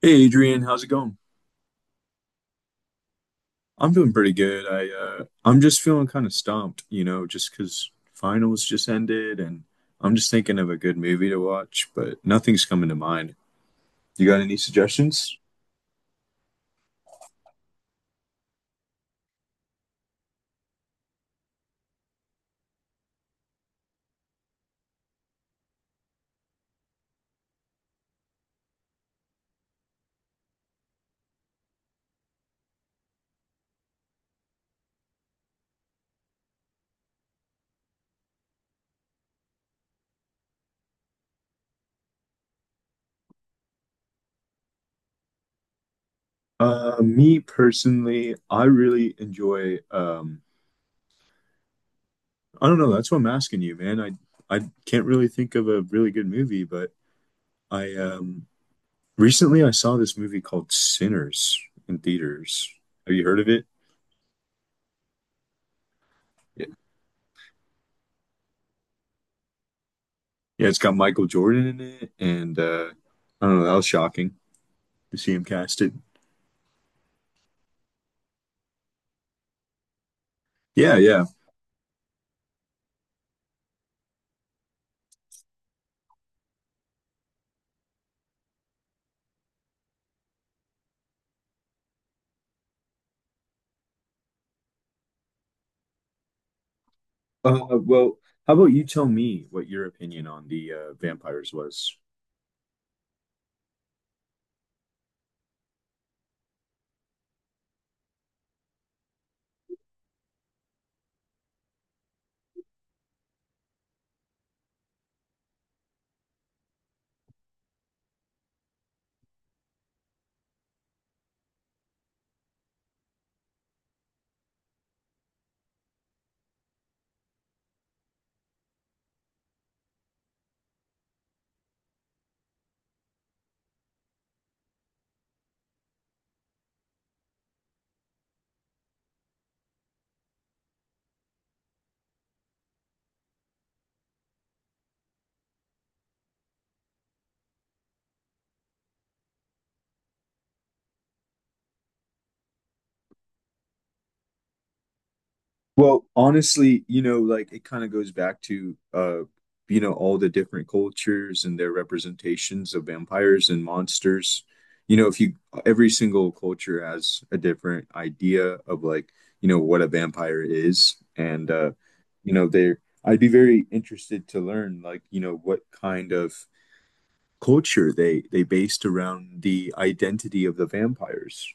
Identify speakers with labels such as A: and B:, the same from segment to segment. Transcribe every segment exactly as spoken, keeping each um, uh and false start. A: Hey Adrian, how's it going? I'm doing pretty good. I uh I'm just feeling kind of stumped, you know, just 'cause finals just ended, and I'm just thinking of a good movie to watch, but nothing's coming to mind. You got any suggestions? Uh me personally, I really enjoy um I don't know, that's what I'm asking you, man. I I can't really think of a really good movie, but I um recently I saw this movie called Sinners in theaters. Have you heard of it? Yeah, it's got Michael Jordan in it, and uh, I don't know, that was shocking to see him casted. Yeah, yeah. Uh, well, how about you tell me what your opinion on the uh, vampires was? Well, honestly, you know, like it kind of goes back to uh, you know, all the different cultures and their representations of vampires and monsters. You know, if you every single culture has a different idea of like, you know, what a vampire is, and uh, you know, they're I'd be very interested to learn like, you know, what kind of culture they they based around the identity of the vampires.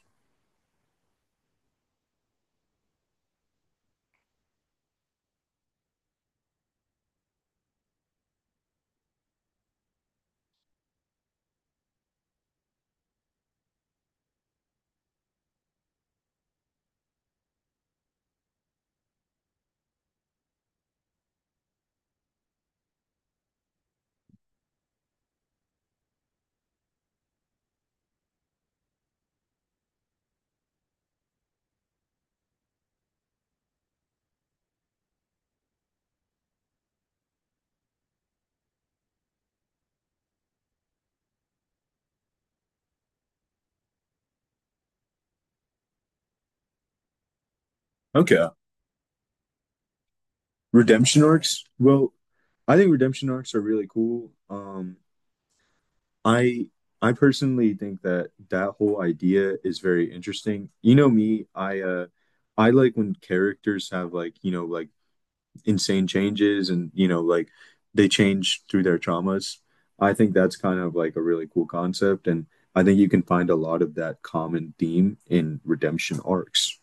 A: Okay. Redemption arcs? Well, I think redemption arcs are really cool. Um, I I personally think that that whole idea is very interesting. You know me, I uh I like when characters have like, you know, like insane changes and, you know, like they change through their traumas. I think that's kind of like a really cool concept, and I think you can find a lot of that common theme in redemption arcs.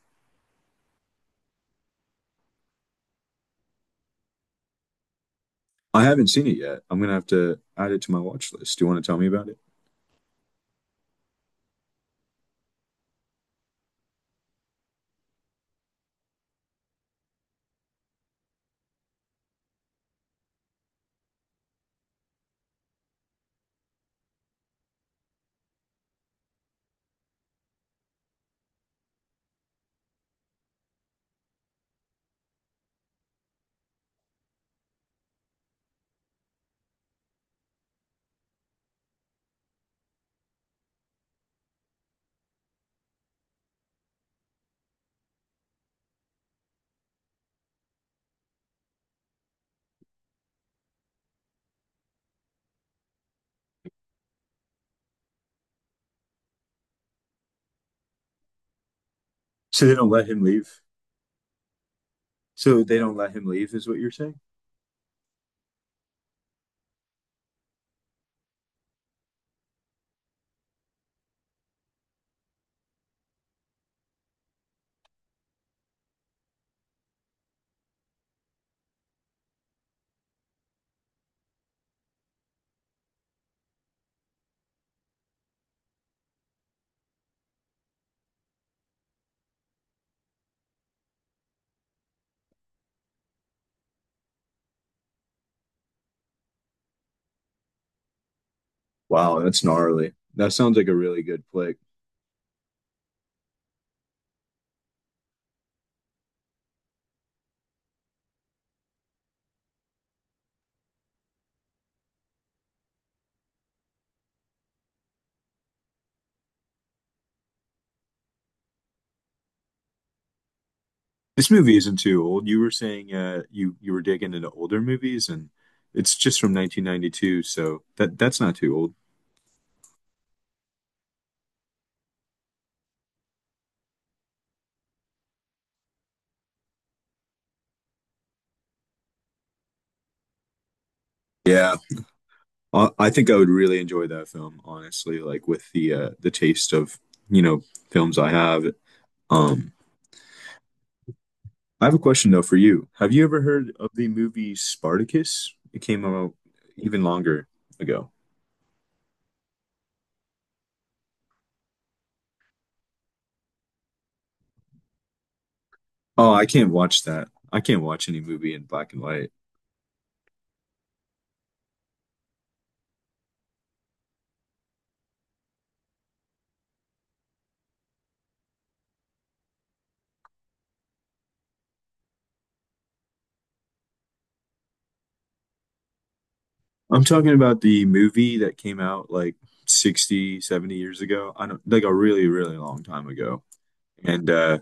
A: I haven't seen it yet. I'm gonna have to add it to my watch list. Do you want to tell me about it? So they don't let him leave. So they don't let him leave, is what you're saying? Wow, that's gnarly. That sounds like a really good flick. This movie isn't too old. You were saying uh, you you were digging into older movies, and it's just from nineteen ninety-two, so that that's not too old. Yeah, I, I think I would really enjoy that film, honestly. Like with the uh, the taste of you know films I have. Um, I have a question though for you. Have you ever heard of the movie Spartacus? It came out even longer ago. Oh, I can't watch that. I can't watch any movie in black and white. I'm talking about the movie that came out like sixty, seventy years ago. I don't like a really, really long time ago. And uh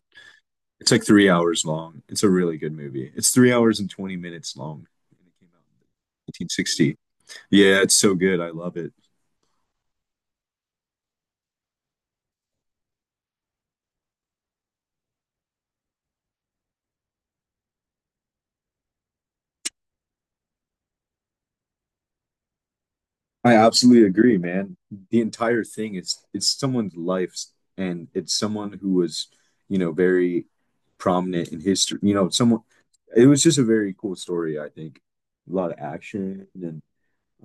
A: it's like three hours long. It's a really good movie. It's three hours and twenty minutes long. And it came out in nineteen sixty. Yeah, it's so good. I love it. I absolutely agree, man. The entire thing is it's someone's life, and it's someone who was, you know, very prominent in history. You know, someone it was just a very cool story, I think. A lot of action and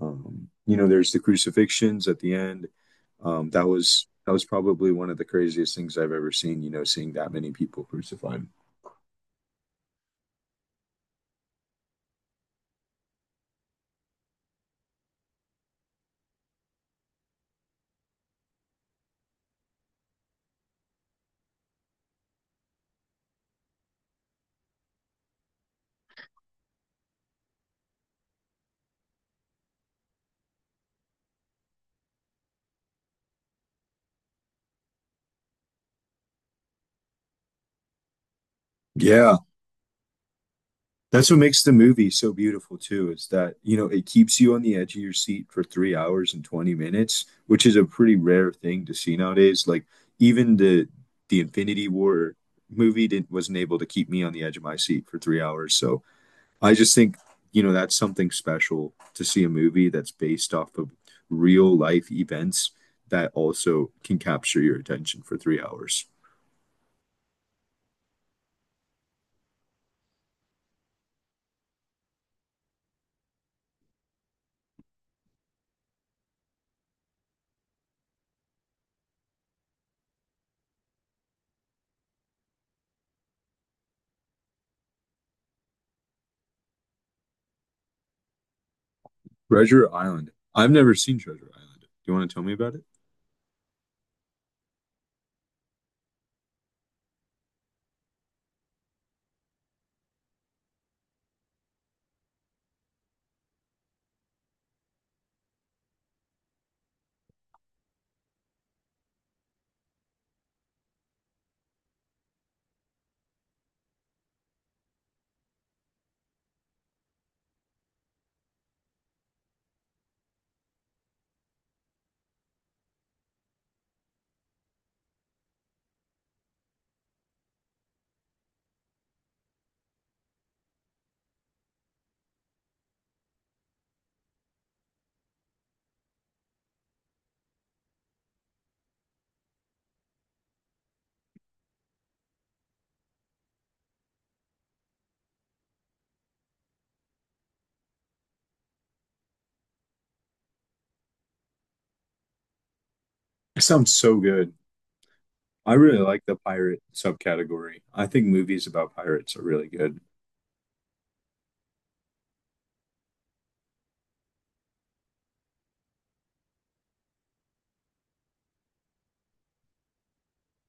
A: um, you know, there's the crucifixions at the end. Um, that was that was probably one of the craziest things I've ever seen, you know, seeing that many people crucified. Yeah. That's what makes the movie so beautiful too, is that, you know, it keeps you on the edge of your seat for three hours and twenty minutes, which is a pretty rare thing to see nowadays. Like even the the Infinity War movie didn't wasn't able to keep me on the edge of my seat for three hours. So I just think, you know, that's something special to see a movie that's based off of real life events that also can capture your attention for three hours. Treasure Island. I've never seen Treasure Island. Do you want to tell me about it? It sounds so good. I really like the pirate subcategory. I think movies about pirates are really good.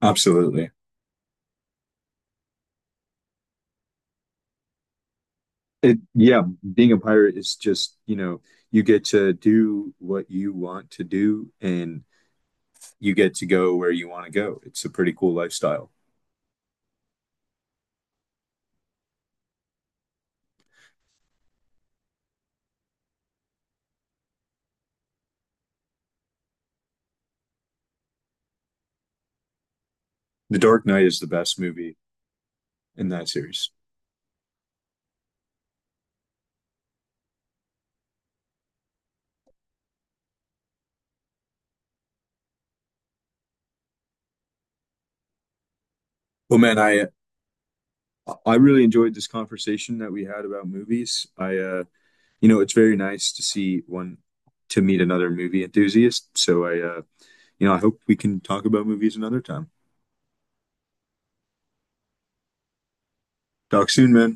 A: Absolutely. It, yeah, being a pirate is just, you know, you get to do what you want to do, and you get to go where you want to go. It's a pretty cool lifestyle. The Dark Knight is the best movie in that series. Well, man, I I really enjoyed this conversation that we had about movies. I uh, you know, it's very nice to see one to meet another movie enthusiast. So I uh, you know, I hope we can talk about movies another time. Talk soon, man.